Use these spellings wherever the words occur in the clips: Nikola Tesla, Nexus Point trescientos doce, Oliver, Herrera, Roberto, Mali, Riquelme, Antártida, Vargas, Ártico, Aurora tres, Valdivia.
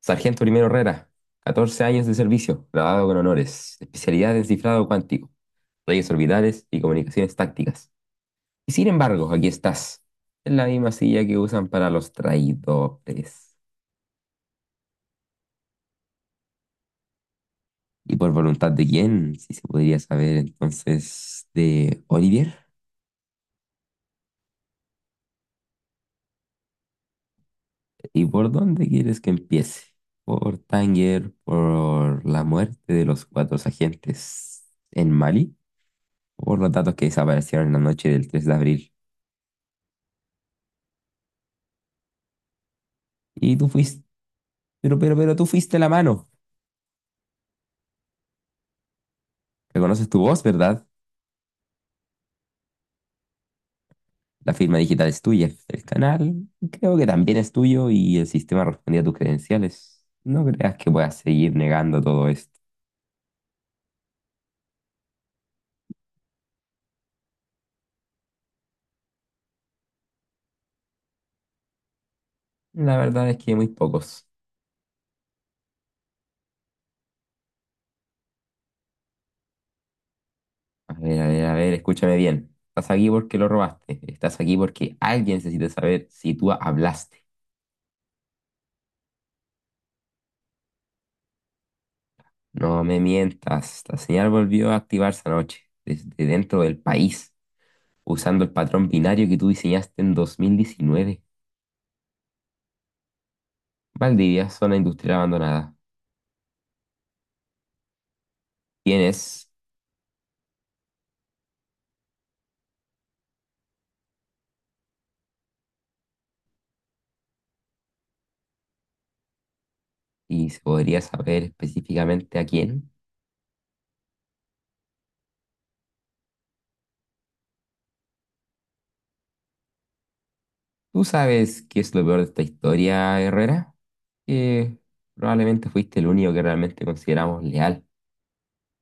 Sargento Primero Herrera, 14 años de servicio, graduado con honores, especialidad en cifrado cuántico, redes orbitales y comunicaciones tácticas. Y sin embargo, aquí estás, en la misma silla que usan para los traidores. ¿Y por voluntad de quién? Si se podría saber entonces de Olivier. ¿Y por dónde quieres que empiece? ¿Por Tanger? ¿Por la muerte de los cuatro agentes en Mali? ¿Por los datos que desaparecieron en la noche del 3 de abril? Y tú fuiste pero tú fuiste la mano. Reconoces tu voz, ¿verdad? La firma digital es tuya. El canal creo que también es tuyo y el sistema respondía a tus credenciales. No creas que puedas seguir negando todo esto. La verdad es que muy pocos. A ver, a ver, a ver, escúchame bien. Estás aquí porque lo robaste. Estás aquí porque alguien necesita saber si tú hablaste. No me mientas. La señal volvió a activarse anoche, desde dentro del país, usando el patrón binario que tú diseñaste en 2019. Valdivia, zona industrial abandonada. ¿Quién es? Y se podría saber específicamente a quién. ¿Tú sabes qué es lo peor de esta historia, Herrera? Que probablemente fuiste el único que realmente consideramos leal.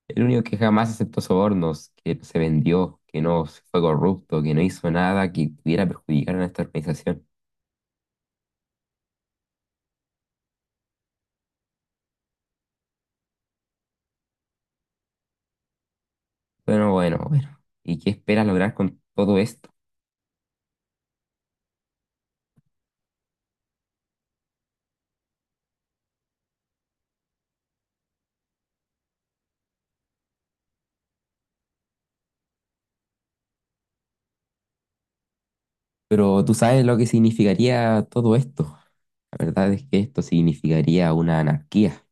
El único que jamás aceptó sobornos, que no se vendió, que no fue corrupto, que no hizo nada que pudiera perjudicar a nuestra organización. Bueno, bueno, bueno. ¿Y qué esperas lograr con todo esto? Pero tú sabes lo que significaría todo esto. La verdad es que esto significaría una anarquía.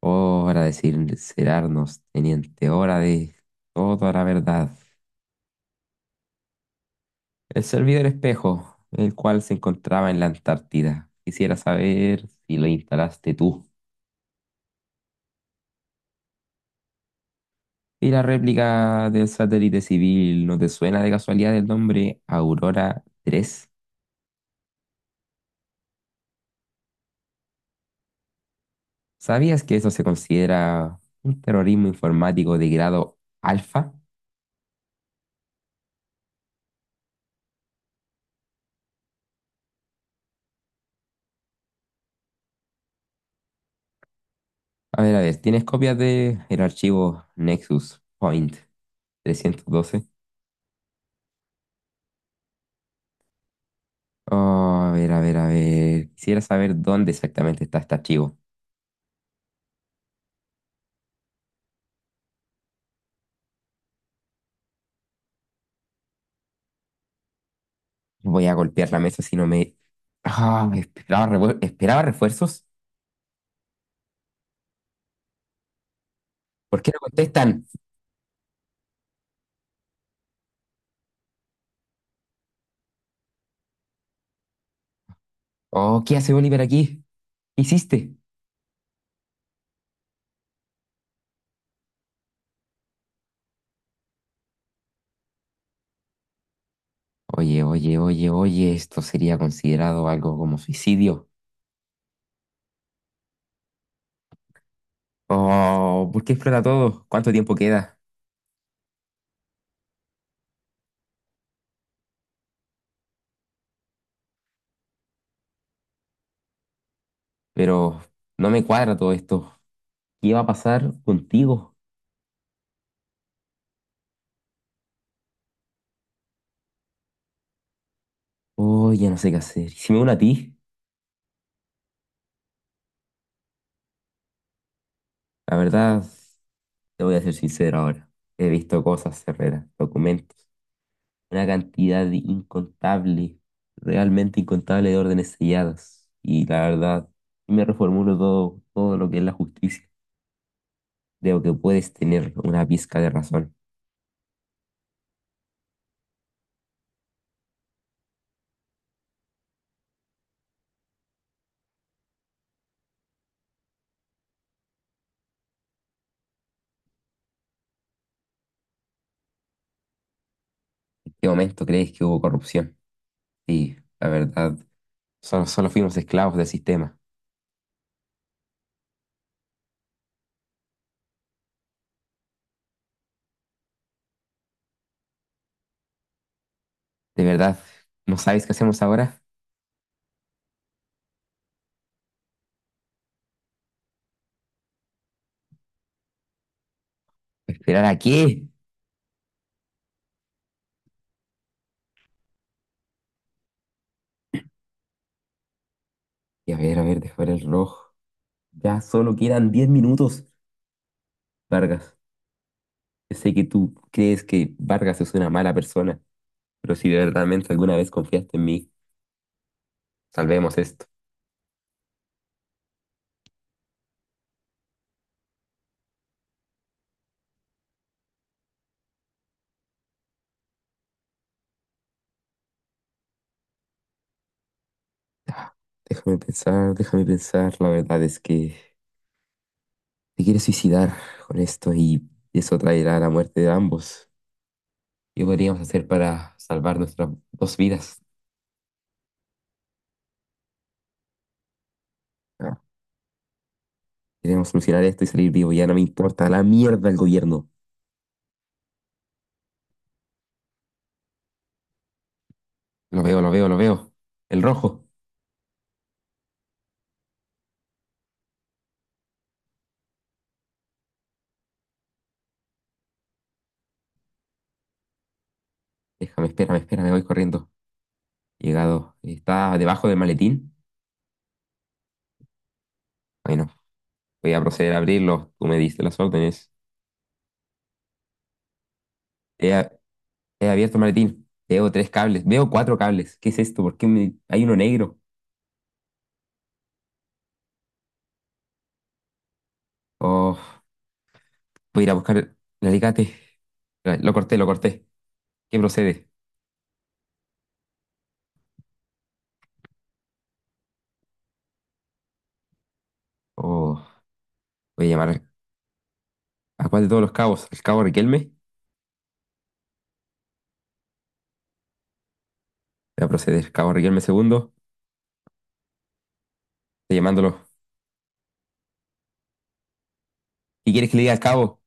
Hora de sincerarnos, teniente, hora de toda la verdad. El servidor espejo, el cual se encontraba en la Antártida. Quisiera saber si lo instalaste tú. Y la réplica del satélite civil, ¿no te suena de casualidad el nombre Aurora 3? ¿Sabías que eso se considera un terrorismo informático de grado alfa? A ver, ¿tienes copias de el archivo Nexus Point 312? Oh, a ver, a ver, a ver. Quisiera saber dónde exactamente está este archivo. Voy a golpear la mesa si no me... Esperaba refuerzos. ¿Por qué no contestan? Oh, ¿qué hace Oliver aquí? ¿Qué hiciste? Oye, oye, oye, oye, esto sería considerado algo como suicidio. Oh, ¿por qué explota todo? ¿Cuánto tiempo queda? Pero no me cuadra todo esto. ¿Qué va a pasar contigo? Oh, ya no sé qué hacer. ¿Y si me uno a ti? La verdad. Te voy a ser sincero ahora. He visto cosas, Herrera, documentos, una cantidad de incontable, realmente incontable de órdenes selladas. Y la verdad, me reformulo todo lo que es la justicia. Creo que puedes tener una pizca de razón. ¿En qué momento crees que hubo corrupción? Sí, la verdad, solo fuimos esclavos del sistema. ¿De verdad? ¿No sabes qué hacemos ahora? ¿Esperar a qué? Y a ver, dejar el reloj. Ya solo quedan 10 minutos, Vargas. Sé que tú crees que Vargas es una mala persona, pero si verdaderamente alguna vez confiaste en mí, salvemos esto. Ah, Déjame pensar, déjame pensar. La verdad es que te quieres suicidar con esto y eso traerá la muerte de ambos. ¿Qué podríamos hacer para salvar nuestras dos vidas? Ah, Queremos solucionar esto y salir vivo. Ya no me importa la mierda el gobierno. Lo veo, lo veo, lo veo. El rojo. Déjame, espérame, espérame, voy corriendo. Llegado. ¿Está debajo del maletín? Bueno. Voy a proceder a abrirlos. Tú me diste las órdenes. He, a- he abierto el maletín. Veo tres cables. Veo cuatro cables. ¿Qué es esto? ¿Por qué hay uno negro? Oh, voy a ir a buscar el alicate. Lo corté, lo corté. ¿Qué procede? Oh, voy a llamar a cuál de todos los cabos. ¿El cabo Riquelme? Voy a proceder. Cabo Riquelme segundo. Estoy llamándolo. ¿Qué quieres que le diga al cabo?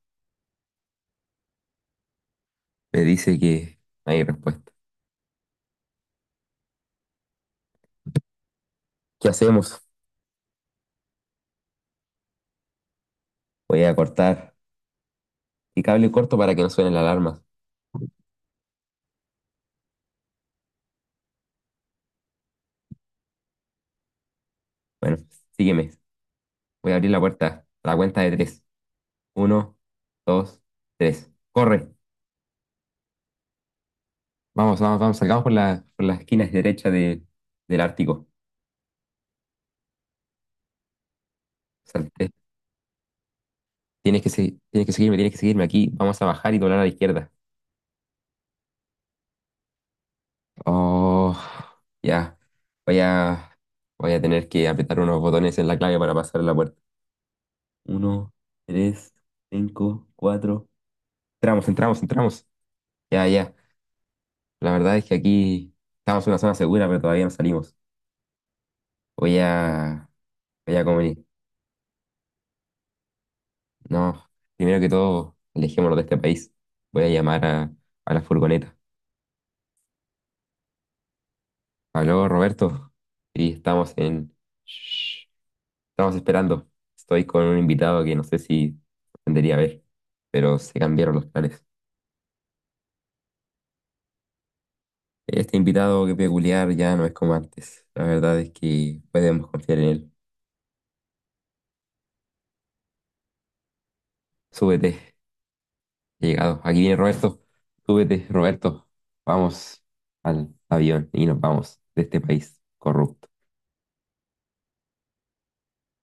Me dice que no hay respuesta. ¿Qué hacemos? Voy a cortar. Y cable corto para que no suenen las alarmas. Bueno, sígueme. Voy a abrir la puerta. A la cuenta de tres. Uno, dos, tres. Corre. Vamos, vamos, vamos. Salgamos por por las esquinas derecha del Ártico. Salté. Tienes que seguirme, tienes que seguirme. Aquí vamos a bajar y doblar a la izquierda. Oh, ya. Voy a, voy a tener que apretar unos botones en la clave para pasar la puerta. Uno, tres, cinco, cuatro. Entramos, entramos, entramos. Ya, ya. La verdad es que aquí estamos en una zona segura, pero todavía no salimos. Voy a, voy a comuni- No, primero que todo, alejémonos de este país. Voy a llamar a la furgoneta. Aló, Roberto. Sí, estamos en... Shh, estamos esperando. Estoy con un invitado que no sé si tendría a ver, pero se cambiaron los planes. Este invitado que peculiar ya no es como antes. La verdad es que podemos confiar en él. Súbete, he llegado. Aquí viene Roberto. Súbete, Roberto. Vamos al avión y nos vamos de este país corrupto.